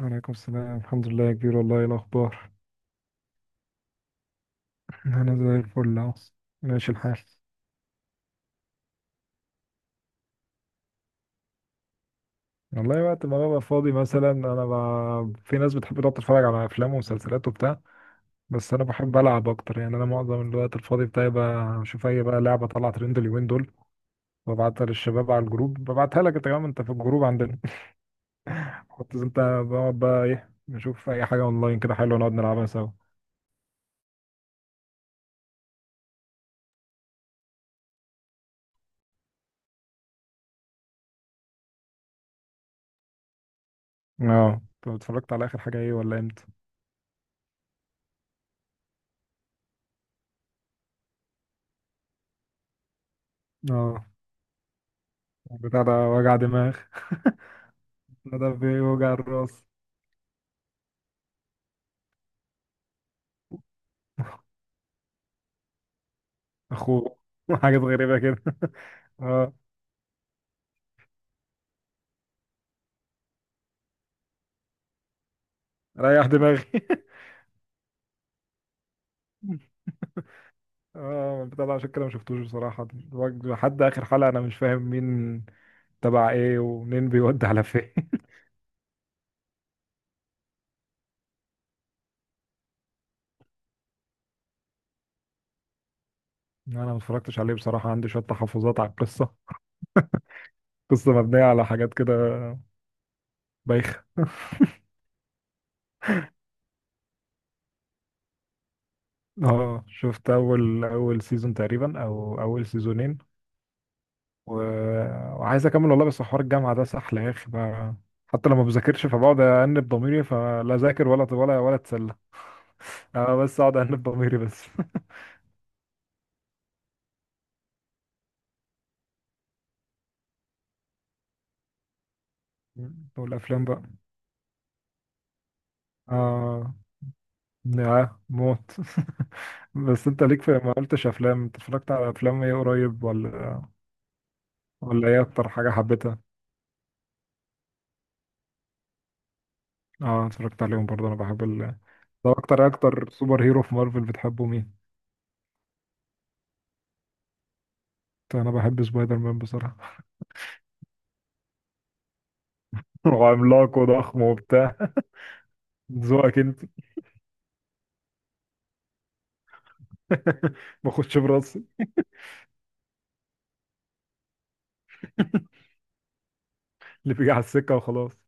وعليكم السلام، الحمد لله يا كبير، والله إيه الأخبار؟ أنا زي الفل أهو، ماشي الحال. والله، وقت ما ببقى فاضي مثلا أنا في ناس بتحب تقعد تتفرج على أفلام ومسلسلات وبتاع، بس أنا بحب ألعب أكتر، يعني أنا معظم الوقت الفاضي بتاعي بشوف أي بقى لعبة طالعة ترند اليومين دول، ببعتها للشباب على الجروب، ببعتها لك أنت كمان، أنت في الجروب عندنا. كنت أنت بقعد بقى إيه، نشوف أي حاجة أونلاين كده حلوة نقعد نلعبها سوا. أه، أنت اتفرجت على آخر حاجة إيه ولا إمتى؟ أه، بتاع ده وجع دماغ، ده بيوجع الراس. اخوه وحاجات غريبة كده. اه، ريح دماغي اه، البتاع ده عشان كده ما شفتوش بصراحة، لحد آخر حلقة أنا مش فاهم مين تبع إيه ومنين بيودي على فين أنا ما اتفرجتش عليه بصراحة، عندي شوية تحفظات على القصة، قصة مبنية على حاجات كده بايخة. اه شفت أول سيزون تقريبا، أو أول سيزونين و... وعايز اكمل والله، بس حوار الجامعه ده سحل يا اخي بقى، حتى لما بذاكرش فبقعد انب ضميري، فلا اذاكر ولا اتسلى. أنا بس اقعد انب ضميري بس. والافلام بقى. اه، يا موت بس انت ليك في، ما قلتش، افلام انت اتفرجت على افلام ايه قريب ولا ايه اكتر حاجه حبيتها؟ اه اتفرجت عليهم برضه، انا بحب ده اكتر اكتر سوبر هيرو في مارفل بتحبه مين؟ انا بحب سبايدر مان بصراحه. وعملاق وضخم وبتاع. ذوقك ما اخدش براسي اللي بيجي على السكه وخلاص.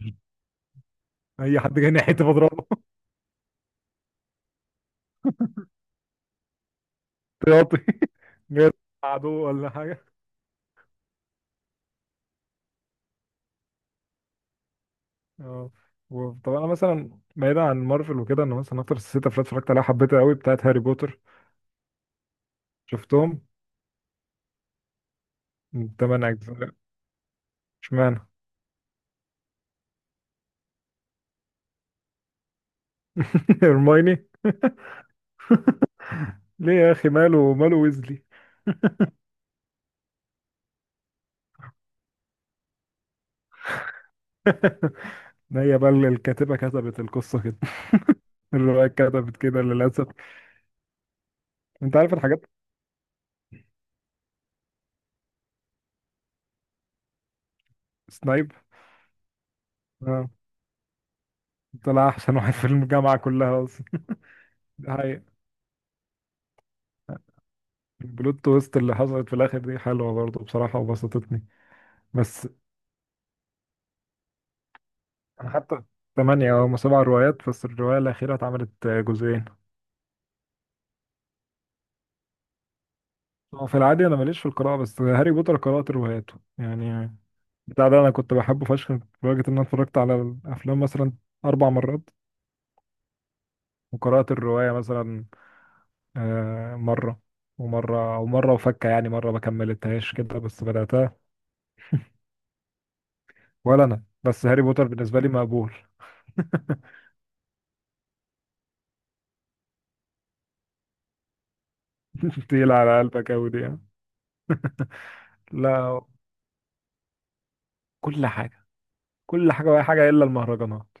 اي حد جاي ناحيتي بضربه احتياطي، غير عدو ولا حاجه. اه طب انا مثلا بعيدا عن مارفل وكده، انا مثلا اكتر ست افلام اتفرجت عليها حبيتها قوي بتاعت هاري بوتر. شفتهم. تمن اجزاء. اشمعنى؟ هرمايني. ليه يا اخي، ماله ماله ويزلي؟ ما هي بقى اللي الكاتبه كتبت القصه كده. الروايه كتبت كده للاسف. انت عارف الحاجات، سنايب. اه، طلع احسن واحد في الجامعه كلها اصلا. البلوت تويست اللي حصلت في الاخر دي حلوه برضه بصراحه، وبسطتني. بس انا حتى ثمانية او سبع روايات، بس الروايه الاخيره اتعملت جزئين. هو في العادي انا ماليش في القراءه، بس هاري بوتر قرات رواياته يعني. بتاع ده انا كنت بحبه فشخ، لدرجه ان انا اتفرجت على الافلام مثلا اربع مرات، وقرات الروايه مثلا مره ومره ومره، وفكه يعني مره ما كملتهاش كده بس بداتها. ولا انا بس هاري بوتر بالنسبه لي مقبول. تقيل على قلبك قوي دي يعني. لا، كل حاجه كل حاجه وأي حاجه الا المهرجانات.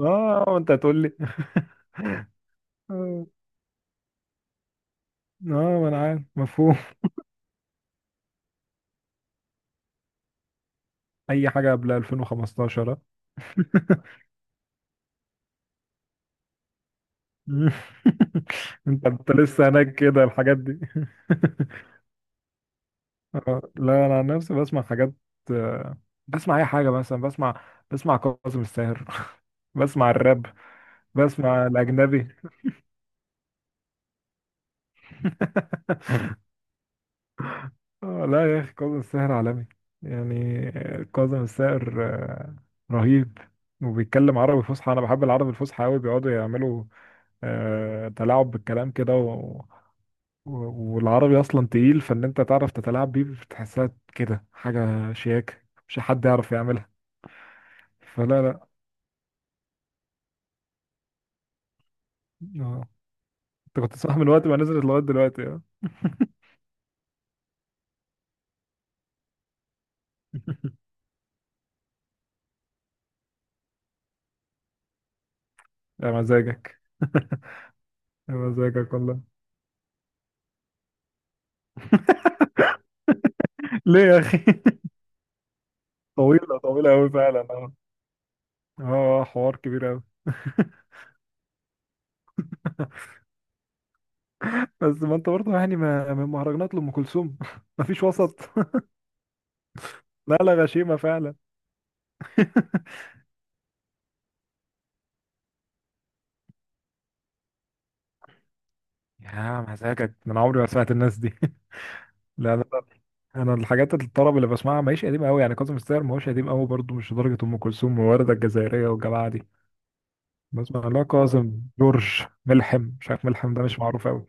اه وانت هتقول لي اه، ما انا عارف مفهوم. اي حاجه قبل 2015 آه. انت لسه هناك كده الحاجات دي لا انا عن نفسي بسمع حاجات، آه، بسمع اي حاجه، مثلا بسمع كاظم الساهر بسمع الراب، بسمع الاجنبي آه لا يا أخي، كاظم الساهر عالمي يعني، كاظم الساهر رهيب، وبيتكلم عربي فصحى، أنا بحب العربي الفصحى أوي، بيقعدوا يعملوا تلاعب بالكلام كده، والعربي أصلا تقيل، فإن أنت تعرف تتلاعب بيه بتحسها كده حاجة شياكة، مش حد يعرف يعملها. فلا لا. آه. أنت كنت صاحي من وقت ما نزلت لغاية دلوقتي آه. يا مزاجك يا مزاجك والله. ليه يا اخي؟ طويلة طويلة أوي فعلا آه. اه، حوار كبير قوي بس ما انت برضه يعني، ما من مهرجانات لأم كلثوم ما فيش وسط لا لا، غشيمة فعلا. يا مزاجك، من عمري ما سمعت الناس دي لا لا لا. انا الحاجات الطرب اللي بسمعها ماهيش قديمة قوي، يعني كاظم الساهر ما هوش قديم قوي برضه، مش لدرجة ام كلثوم ووردة الجزائرية والجماعة دي. بسمع لا كاظم، جورج ملحم، مش عارف، ملحم ده مش معروف قوي.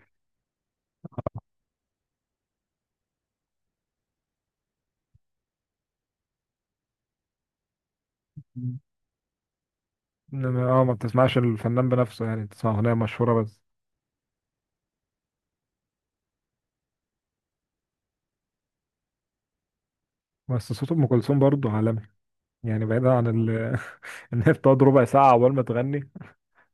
انما ما بتسمعش الفنان بنفسه، يعني بتسمع اغنية مشهورة بس. بس صوت ام كلثوم برضه عالمي، يعني بعيدا عن إن هي بتقعد ربع ساعة عقبال ما تغني،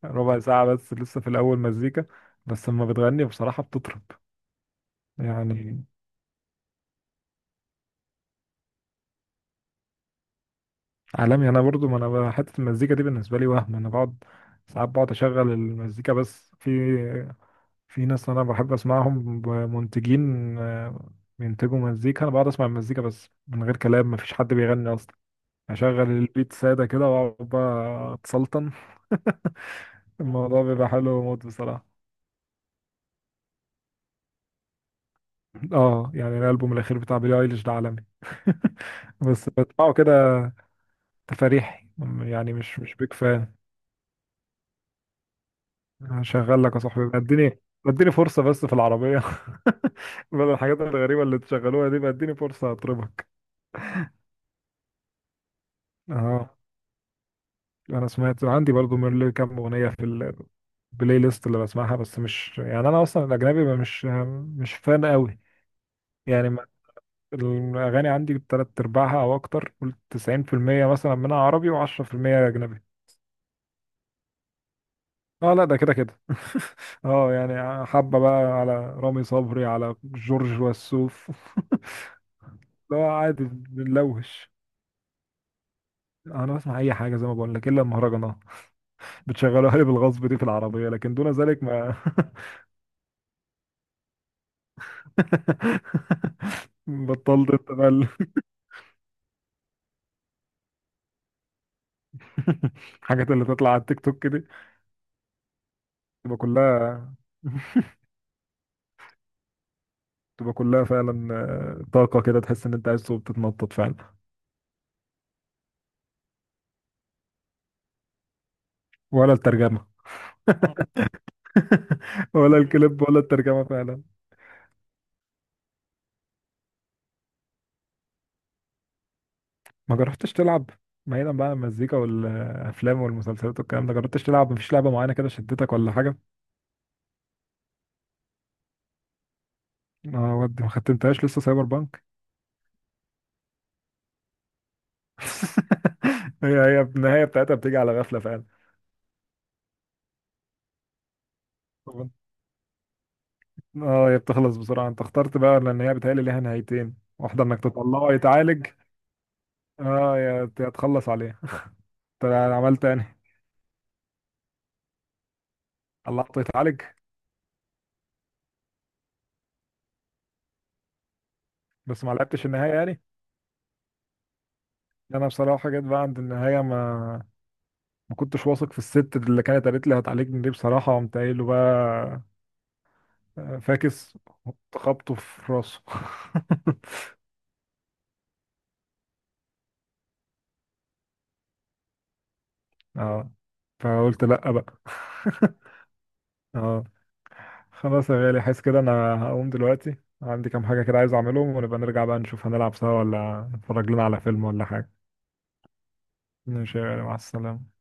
ربع ساعة بس لسه في الأول مزيكا، بس لما بتغني بصراحة بتطرب. يعني عالمي، أنا برضو، ما أنا حتة المزيكا دي بالنسبة لي وهم، أنا بقعد ساعات، بقعد أشغل المزيكا بس، في في ناس أنا بحب أسمعهم، منتجين، بينتجوا مزيكا، أنا بقعد أسمع المزيكا بس من غير كلام، مفيش حد بيغني أصلا، أشغل البيت سادة كده وأقعد بقى أتسلطن. الموضوع بيبقى حلو موت بصراحة. اه يعني الالبوم الاخير بتاع بيلي ايليش ده عالمي. بس بسمعه كده تفاريحي. يعني مش بيك فان. هشغل لك يا صاحبي، اديني، اديني فرصه بس في العربيه بدل الحاجات الغريبه اللي تشغلوها دي، اديني فرصه اطربك. اه، انا سمعت عندي برضو من اللي كام اغنيه في البلاي ليست اللي بسمعها، بس مش يعني، انا اصلا الاجنبي مش مش فان قوي يعني الاغاني عندي تلات ارباعها او اكتر، قول 90% مثلا منها عربي و10% اجنبي. اه لا، ده كده كده اه يعني حبة بقى على رامي صبري، على جورج وسوف. لا عادي بنلوش. انا بسمع اي حاجة زي ما بقول لك الا المهرجانات، بتشغلوها لي بالغصب دي في العربية، لكن دون ذلك ما. بطلت انت بقى الحاجات اللي تطلع على التيك توك دي تبقى كلها تبقى كلها فعلا، طاقة كده تحس ان انت عايز تقوم تتنطط فعلا. ولا الترجمة. ولا الكليب ولا الترجمة فعلا. ما جربتش تلعب؟ بعيدا بقى عن المزيكا والافلام والمسلسلات والكلام ده، جربتش تلعب؟ مفيش لعبه معينه كده شدتك ولا حاجه؟ اه، ودي ما ختمتهاش لسه، سايبر بانك. هي النهايه بتاعتها بتيجي على غفله فعلا. طب إنت- اه هي بتخلص بسرعه، انت اخترت بقى، لان هي بتهيألي ليها نهايتين، واحده انك تطلعه يتعالج، اه يا تخلص عليه. انت عملت يعني؟ طلعته يتعالج بس ما لعبتش النهايه يعني؟ انا بصراحه جيت بقى عند النهايه، ما كنتش واثق في الست اللي كانت قالت لي هتعالجني دي بصراحه، قمت قايل له بقى فاكس، خبطه في راسه اه فقلت لأ بقى. اه خلاص يا غالي، حاسس كده انا هقوم دلوقتي، عندي كام حاجة كده عايز اعملهم، ونبقى نرجع بقى نشوف، هنلعب سوا ولا نتفرج لنا على فيلم ولا حاجة. ماشي يا غالي، مع السلامة.